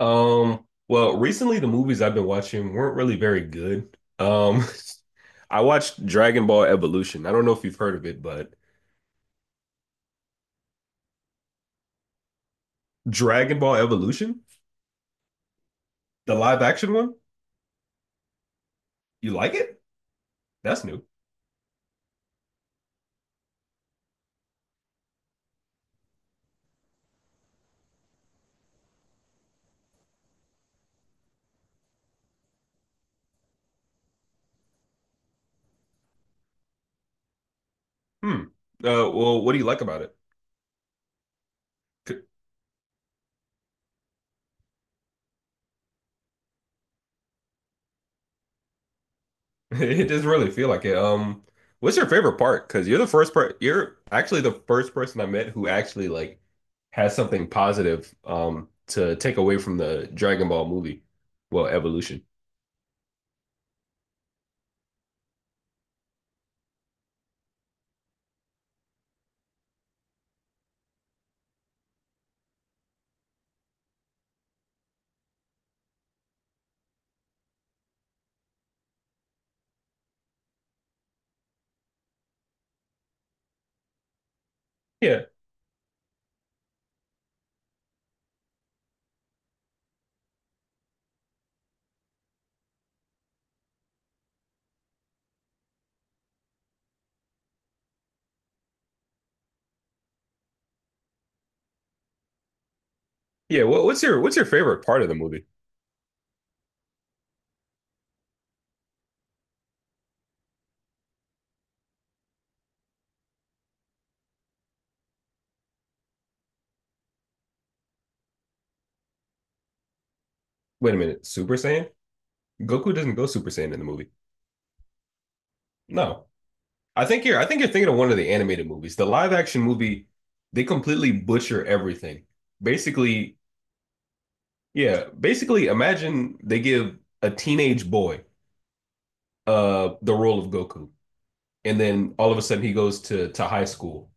Recently the movies I've been watching weren't really very good. I watched Dragon Ball Evolution. I don't know if you've heard of it, but Dragon Ball Evolution, the live action one, you like it? That's new. Hmm. What do you like about it? C- It doesn't really feel like it. What's your favorite part? You're actually the first person I met who actually has something positive to take away from the Dragon Ball movie. Well, Evolution. Yeah. What's your favorite part of the movie? Wait a minute, Super Saiyan? Goku doesn't go Super Saiyan in the movie. No. I think you're thinking of one of the animated movies. The live action movie, they completely butcher everything. Basically, yeah, basically imagine they give a teenage boy the role of Goku and then all of a sudden he goes to high school.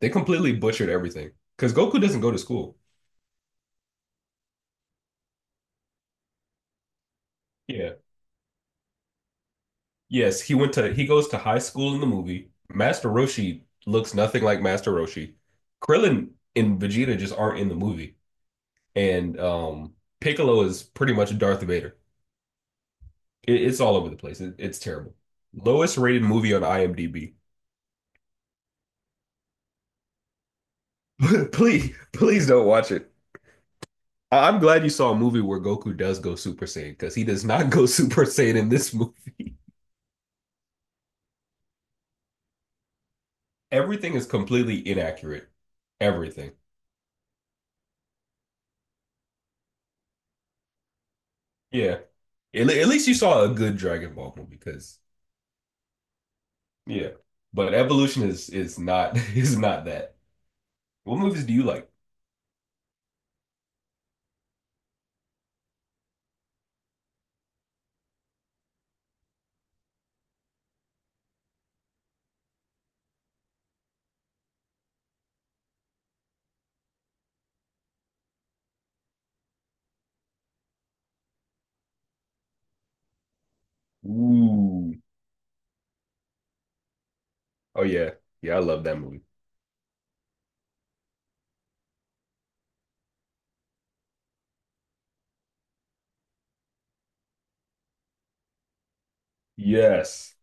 They completely butchered everything cuz Goku doesn't go to school. Yeah. Yes, he goes to high school in the movie. Master Roshi looks nothing like Master Roshi. Krillin and Vegeta just aren't in the movie, and Piccolo is pretty much Darth Vader. It's all over the place. It's terrible. Lowest rated movie on IMDb. Please, please don't watch it. I'm glad you saw a movie where Goku does go Super Saiyan because he does not go Super Saiyan in this movie. Everything is completely inaccurate. Everything. Yeah. At least you saw a good Dragon Ball movie because yeah. But Evolution is not is not that. What movies do you like? Ooh. Oh yeah. Yeah, I love that movie. Yes.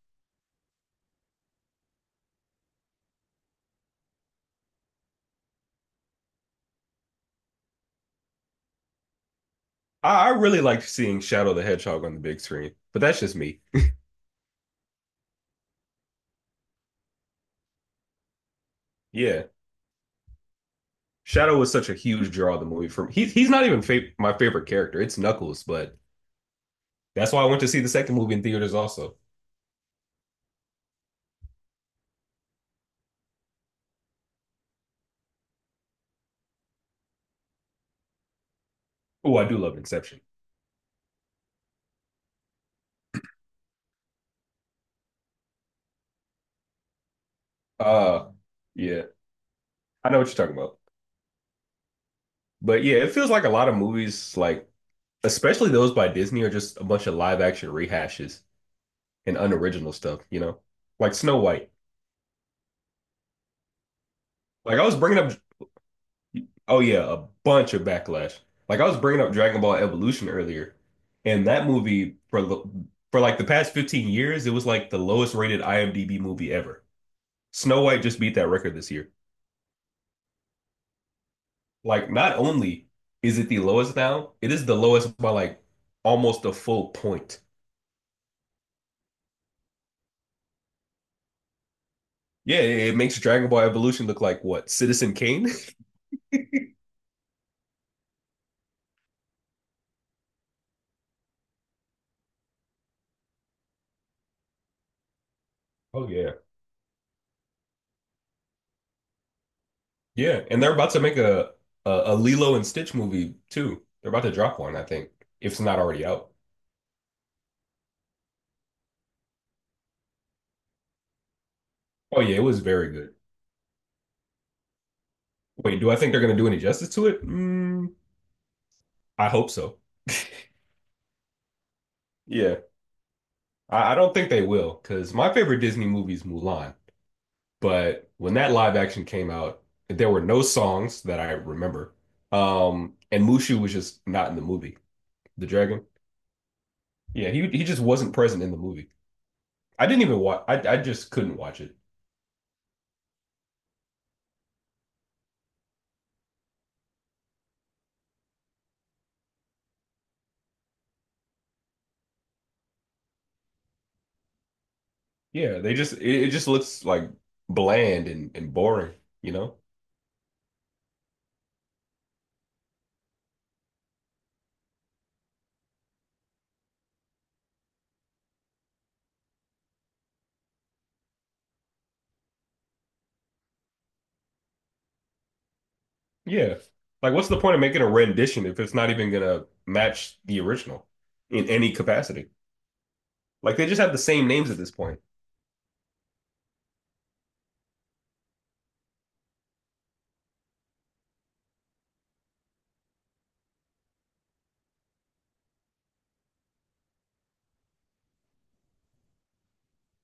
I really liked seeing Shadow the Hedgehog on the big screen, but that's just me. Yeah. Shadow was such a huge draw of the movie for me. He's not even fa my favorite character. It's Knuckles, but that's why I went to see the second movie in theaters also. Oh, I do love Inception. Uh, yeah. I know what you're talking about. But yeah, it feels like a lot of movies especially those by Disney are just a bunch of live action rehashes and unoriginal stuff, you know, like Snow White. Like I was bringing up, oh yeah, a bunch of backlash. Like I was bringing up Dragon Ball Evolution earlier, and that movie for like the past 15 years, it was like the lowest rated IMDb movie ever. Snow White just beat that record this year. Like not only is it the lowest now, it is the lowest by like almost a full point. Yeah, it makes Dragon Ball Evolution look like what, Citizen Kane? Oh yeah. Yeah, and they're about to make a Lilo and Stitch movie too. They're about to drop one, I think, if it's not already out. Oh yeah, it was very good. Wait, do I think they're gonna do any justice to it? Mm, I hope so. Yeah, I don't think they will, because my favorite Disney movie is Mulan. But when that live action came out, there were no songs that I remember. And Mushu was just not in the movie. The dragon. Yeah, he just wasn't present in the movie. I didn't even watch. I just couldn't watch it. Yeah, it just looks like bland and boring, you know? Yeah. Like what's the point of making a rendition if it's not even gonna match the original in any capacity? Like they just have the same names at this point.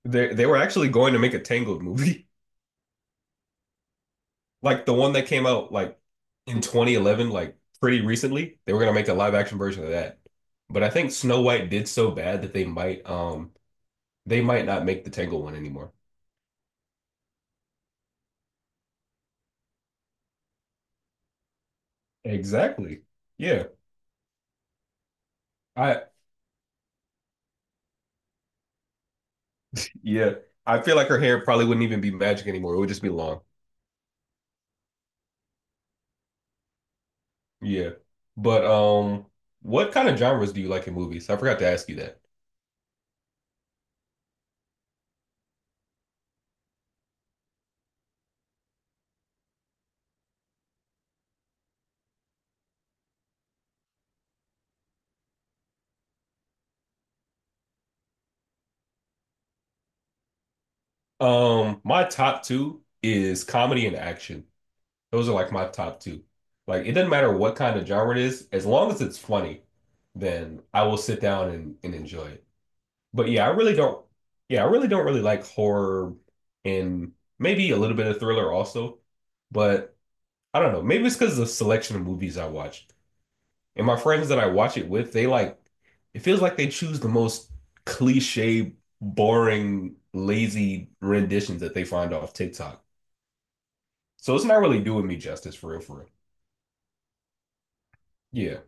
They were actually going to make a Tangled movie. Like the one that came out in 2011, like pretty recently, they were gonna make a live action version of that. But I think Snow White did so bad that they might not make the Tangled one anymore. Exactly. Yeah. I yeah. I feel like her hair probably wouldn't even be magic anymore. It would just be long. Yeah. But what kind of genres do you like in movies? I forgot to ask you that. Um, my top 2 is comedy and action. Those are like my top 2. Like it doesn't matter what kind of genre it is, as long as it's funny, then I will sit down and enjoy it. But yeah, I really don't really like horror and maybe a little bit of thriller also, but I don't know. Maybe it's because of the selection of movies I watch. And my friends that I watch it with, it feels like they choose the most cliche, boring, lazy renditions that they find off TikTok. So it's not really doing me justice for real, for real.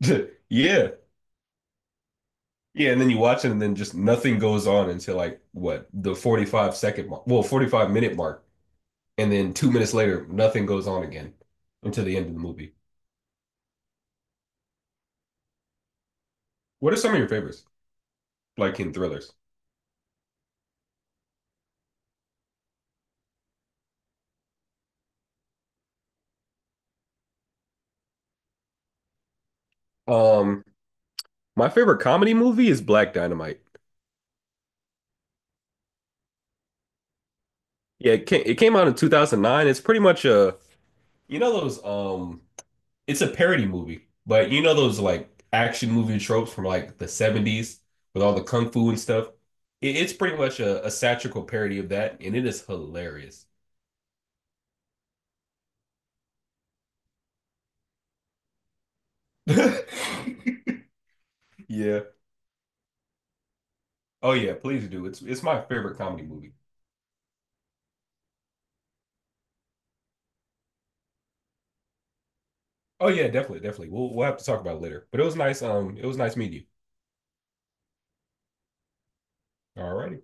Yeah. Yeah. Yeah. And then you watch it and then just nothing goes on until like what, the 45 second mark, well, 45-minute mark. And then 2 minutes later, nothing goes on again until the end of the movie. What are some of your favorites? Like in thrillers. Um, my favorite comedy movie is Black Dynamite. Yeah, it came out in 2009. It's pretty much you know those it's a parody movie, but you know those like action movie tropes from like the 70s with all the kung fu and stuff. It's pretty much a satirical parody of that, and it is hilarious. Yeah. Oh yeah, please do. It's my favorite comedy movie. Oh yeah, definitely, definitely. We'll have to talk about it later. But it was nice meeting you. All righty.